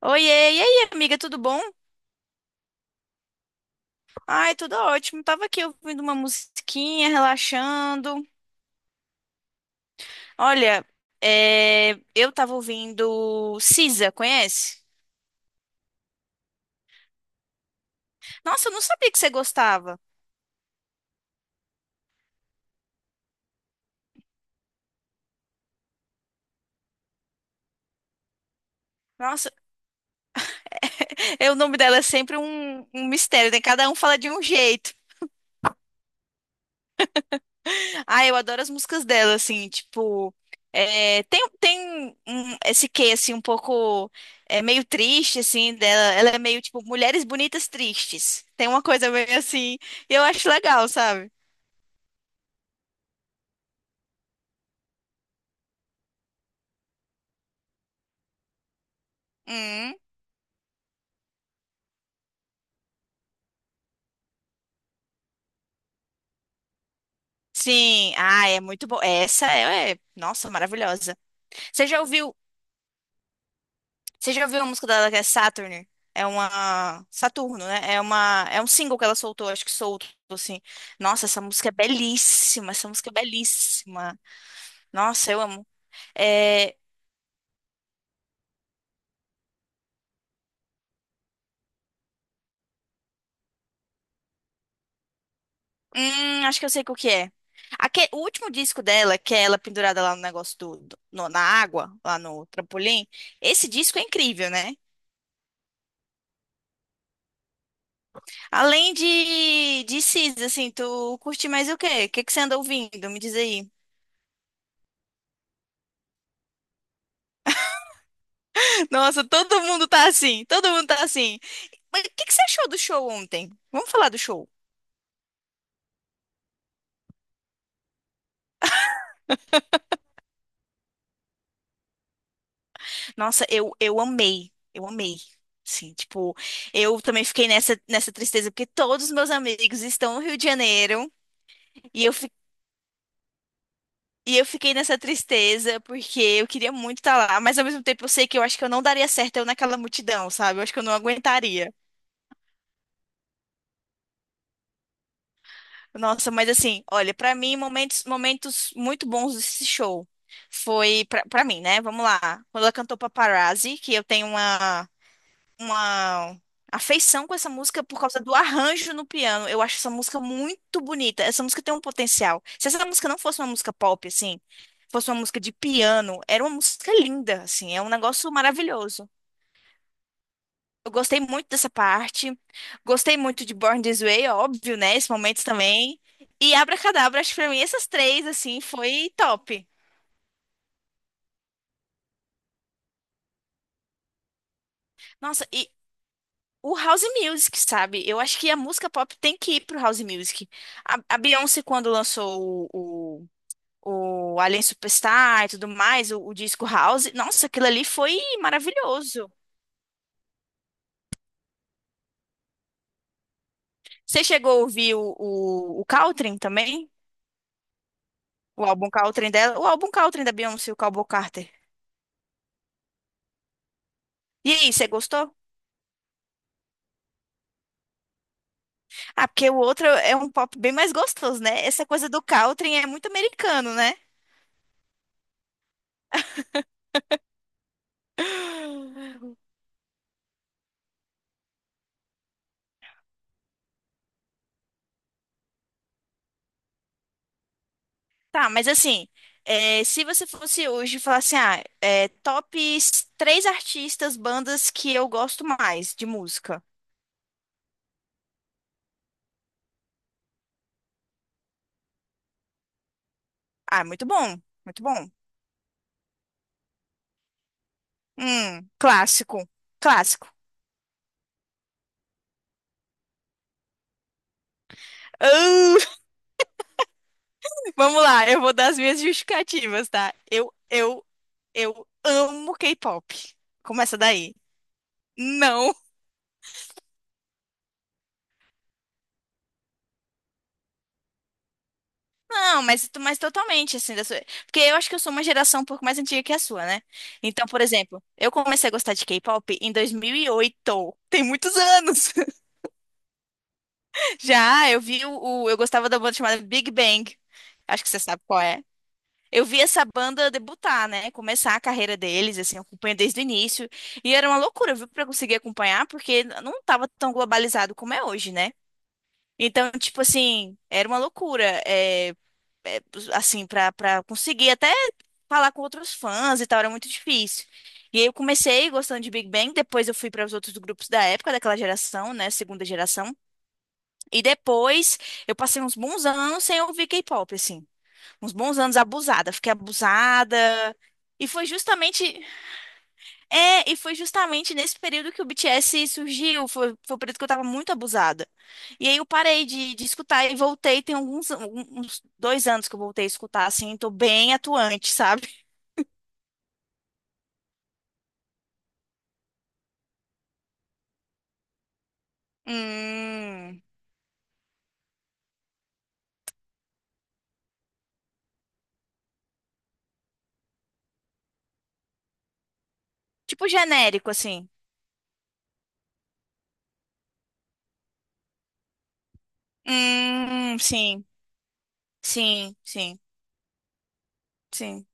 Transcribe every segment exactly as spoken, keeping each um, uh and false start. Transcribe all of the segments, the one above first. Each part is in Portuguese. Oiê, e aí, amiga, tudo bom? Ai, tudo ótimo. Tava aqui ouvindo uma musiquinha, relaxando. Olha, é, eu tava ouvindo Cisa, conhece? Nossa, eu não sabia que você gostava. Nossa, é, o nome dela é sempre um, um mistério, né? Cada um fala de um jeito. Ah, eu adoro as músicas dela, assim, tipo. é, tem tem um- esse quê, assim, um pouco. É meio triste, assim, dela. Ela é meio, tipo, mulheres bonitas tristes. Tem uma coisa meio assim. E eu acho legal, sabe? Hum, sim. Ah, é muito bom. Essa é, é- nossa, maravilhosa. Você já ouviu. Você já ouviu a música dela que é Saturn? É uma. Saturno, né? É uma. É um single que ela soltou, acho que solto, assim. Nossa, essa música é belíssima. Essa música é belíssima. Nossa, eu amo. É, hum, acho que eu sei qual que é. Aque- o último disco dela, que é ela pendurada lá no negócio do, do- no- na água, lá no trampolim, esse disco é incrível, né? Além de, de Cis, assim, tu curte mais o quê? O que que você anda ouvindo? Me diz aí. Nossa, todo mundo tá assim, todo mundo tá assim. Mas o que que você achou do show ontem? Vamos falar do show. Nossa, eu, eu amei, eu amei. Sim, tipo, eu também fiquei nessa, nessa tristeza, porque todos os meus amigos estão no Rio de Janeiro. E eu E eu fiquei nessa tristeza, porque eu queria muito estar lá, mas ao mesmo tempo eu sei que eu acho que eu não daria certo eu naquela multidão, sabe? Eu acho que eu não aguentaria. Nossa, mas assim, olha, pra mim, momentos, momentos muito bons desse show. Foi, pra, pra mim, né? Vamos lá. Quando ela cantou Paparazzi, que eu tenho uma. Uma afeição com essa música por causa do arranjo no piano. Eu acho essa música muito bonita. Essa música tem um potencial. Se essa música não fosse uma música pop, assim, fosse uma música de piano, era uma música linda, assim, é um negócio maravilhoso. Eu gostei muito dessa parte. Gostei muito de Born This Way, óbvio, né? Esse momento também. E Abracadabra, acho que pra mim essas três, assim, foi top. Nossa, e o house music, sabe? Eu acho que a música pop tem que ir pro house music. A, a Beyoncé, quando lançou o, o, o Alien Superstar e tudo mais, o, o disco house, nossa, aquilo ali foi maravilhoso. Você chegou a ouvir o, o, o Caltrin também? O álbum Caltrin dela? O álbum Caltrin da Beyoncé, o Cowboy Carter. E aí, você gostou? Ah, porque o outro é um pop bem mais gostoso, né? Essa coisa do Caltrin é muito americano, né? Tá, mas assim, é, se você fosse hoje falar assim, ah, é, top três artistas, bandas que eu gosto mais de música. Ah, muito bom, muito bom. Hum, clássico, clássico. Ah, vamos lá, eu vou dar as minhas justificativas, tá? Eu, eu, eu amo K-pop. Começa daí. Não. Não, mas, mas totalmente, assim, da sua... Porque eu acho que eu sou uma geração um pouco mais antiga que a sua, né? Então, por exemplo, eu comecei a gostar de K-pop em dois mil e oito, tem muitos anos. Já, eu vi o... o- Eu gostava da banda chamada Big Bang, acho que você sabe qual é. Eu vi essa banda debutar, né? Começar a carreira deles, assim, eu acompanho desde o início. E era uma loucura, viu, pra conseguir acompanhar, porque não estava tão globalizado como é hoje, né? Então, tipo assim, era uma loucura. É... é, assim, pra, pra conseguir até falar com outros fãs e tal, era muito difícil. E aí eu comecei gostando de Big Bang, depois eu fui para os outros grupos da época, daquela geração, né, segunda geração. E depois eu passei uns bons anos sem ouvir K-pop, assim. Uns bons anos abusada, fiquei abusada. E foi justamente, é, e foi justamente nesse período que o B T S surgiu, foi, foi o período que eu tava muito abusada. E aí eu parei de, de escutar e voltei, tem alguns, alguns- uns dois anos que eu voltei a escutar, assim, tô bem atuante, sabe? Hum. Tipo genérico, assim. Hum, sim, sim, sim, sim.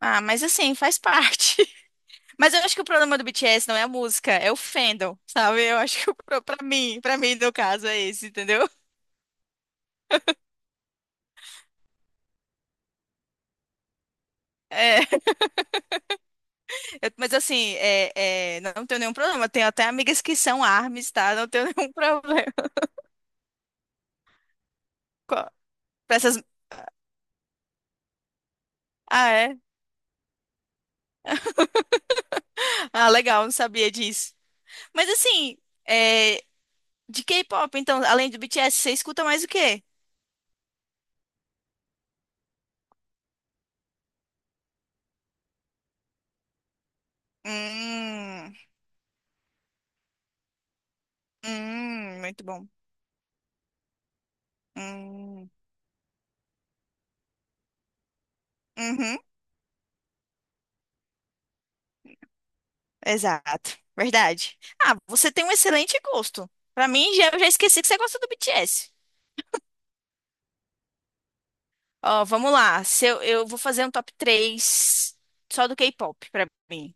Ah, mas assim, faz parte. Mas eu acho que o problema do B T S não é a música, é o fandom, sabe? Eu acho que o pro- pra mim, pra mim, no caso, é esse, entendeu? É, eu- mas assim, é, é, não tenho nenhum problema. Tenho até amigas que são ARMYs, tá? Não tenho nenhum problema com a- pra essas... Ah, é? Ah, legal, não sabia disso. Mas assim, é, de K-pop, então, além do B T S, você escuta mais o quê? Hum... Hum, muito bom. Hum, uhum, exato. Verdade. Ah, você tem um excelente gosto. Pra mim, já, eu já esqueci que você gosta do B T S. Ó, vamos lá. Se eu, Eu vou fazer um top três só do K-pop pra mim.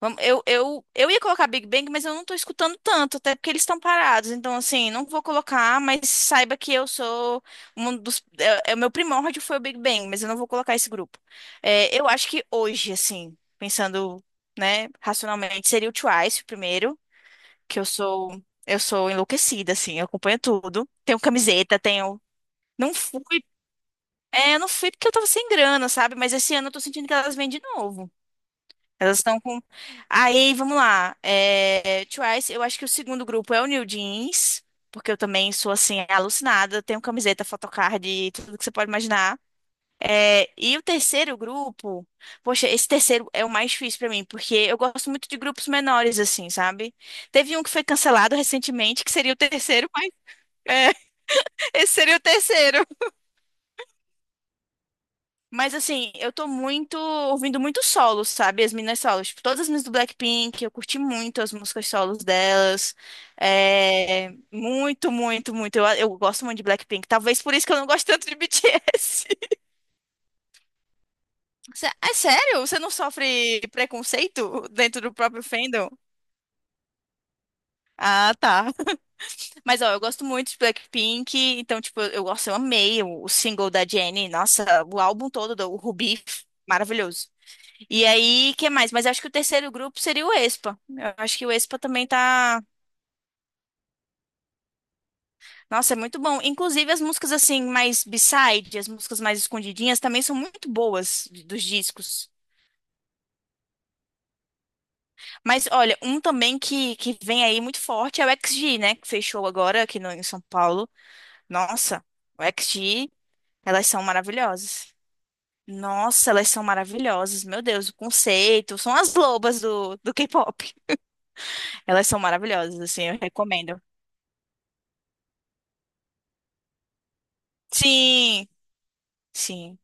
Vamos- Eu, eu, eu ia colocar Big Bang, mas eu não tô escutando tanto, até porque eles estão parados. Então, assim, não vou colocar, mas saiba que eu sou um dos. É, é o meu primórdio foi o Big Bang, mas eu não vou colocar esse grupo. É, eu acho que hoje, assim, pensando, né, racionalmente, seria o Twice o primeiro, que eu sou. Eu sou enlouquecida, assim, eu acompanho tudo. Tenho camiseta, tenho. Não fui. É, eu não fui porque eu tava sem grana, sabe? Mas esse ano eu tô sentindo que elas vêm de novo. Elas estão com. Aí, vamos lá. É, Twice, eu acho que o segundo grupo é o New Jeans, porque eu também sou assim, alucinada. Tenho camiseta, photocard, tudo que você pode imaginar. É, e o terceiro grupo, poxa, esse terceiro é o mais difícil pra mim, porque eu gosto muito de grupos menores, assim, sabe? Teve um que foi cancelado recentemente, que seria o terceiro, mas é, esse seria o terceiro. Mas assim, eu tô muito ouvindo muito solos, sabe? As minhas solos. Tipo, todas as minhas do Blackpink, eu curti muito as músicas solos delas. É, muito, muito, muito. Eu, eu gosto muito de Blackpink. Talvez por isso que eu não gosto tanto de B T S. Sé- É sério? Você não sofre preconceito dentro do próprio fandom? Ah, tá. Mas ó, eu gosto muito de Blackpink, então, tipo, eu gosto, eu amei o, o single da Jennie. Nossa, o álbum todo, do- o Ruby, maravilhoso. E aí, que mais? Mas acho que o terceiro grupo seria o Expa. Eu acho que o Expa também tá. Nossa, é muito bom. Inclusive, as músicas assim, mais B-side, as músicas mais escondidinhas, também são muito boas de- dos discos. Mas olha, um também que, que vem aí muito forte é o X G, né? Que fechou agora aqui no, em São Paulo. Nossa, o X G, elas são maravilhosas. Nossa, elas são maravilhosas. Meu Deus, o conceito. São as lobas do, do K-pop. Elas são maravilhosas, assim, eu recomendo. Sim. Sim.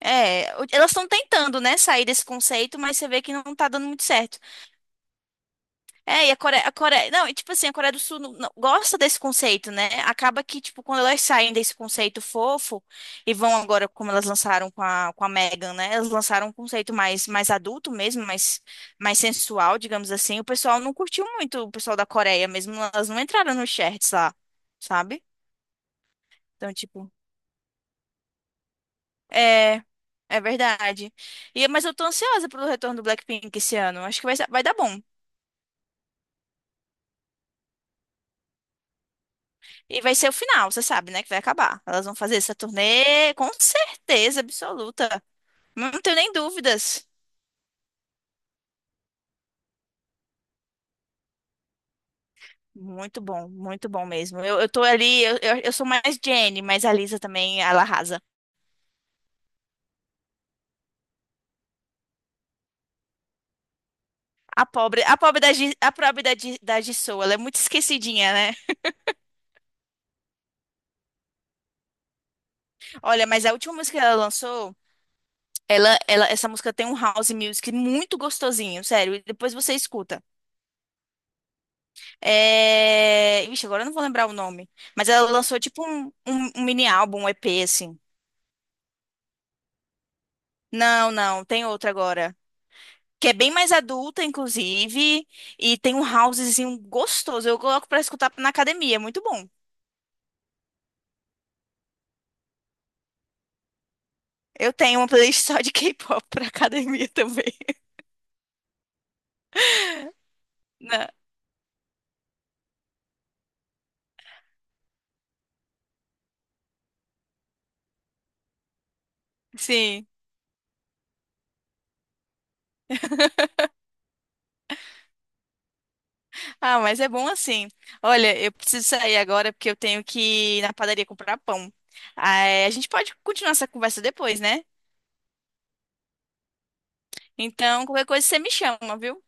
É, o- elas estão tentando, né, sair desse conceito, mas você vê que não tá dando muito certo. É, e a Coreia, a Coreia, não, e tipo assim, a Coreia do Sul não- não- gosta desse conceito, né? Acaba que, tipo, quando elas saem desse conceito fofo e vão agora, como elas lançaram com a, com a Megan, né? Elas lançaram um conceito mais, mais adulto mesmo, mais, mais sensual, digamos assim. O pessoal não curtiu muito, o pessoal da Coreia mesmo, elas não entraram nos shirts lá, sabe? Então, tipo. É, é verdade. E, mas eu tô ansiosa pelo retorno do Blackpink esse ano. Acho que vai, ser- vai dar bom. E vai ser o final, você sabe, né? Que vai acabar. Elas vão fazer essa turnê com certeza absoluta. Não tenho nem dúvidas. Muito bom, muito bom mesmo. Eu, eu tô ali, eu, eu, eu sou mais Jennie, mas a Lisa também, ela arrasa. A pobre, a pobre da, Gi- a pobre da, Gi- da Jisoo, ela é muito esquecidinha, né? Olha, mas a última música que ela lançou, ela, ela, essa música tem um house music muito gostosinho, sério. E depois você escuta. É... Vixe, agora eu não vou lembrar o nome. Mas ela lançou tipo um, um- um mini álbum, um E P, assim. Não, não, tem outra agora. Que é bem mais adulta, inclusive. E tem um housezinho gostoso. Eu coloco pra escutar na academia, é muito bom. Eu tenho uma playlist só de K-pop pra academia também. Na- Sim. Ah, mas é bom assim. Olha, eu preciso sair agora porque eu tenho que ir na padaria comprar pão. Ah, é, a gente pode continuar essa conversa depois, né? Então, qualquer coisa você me chama, viu?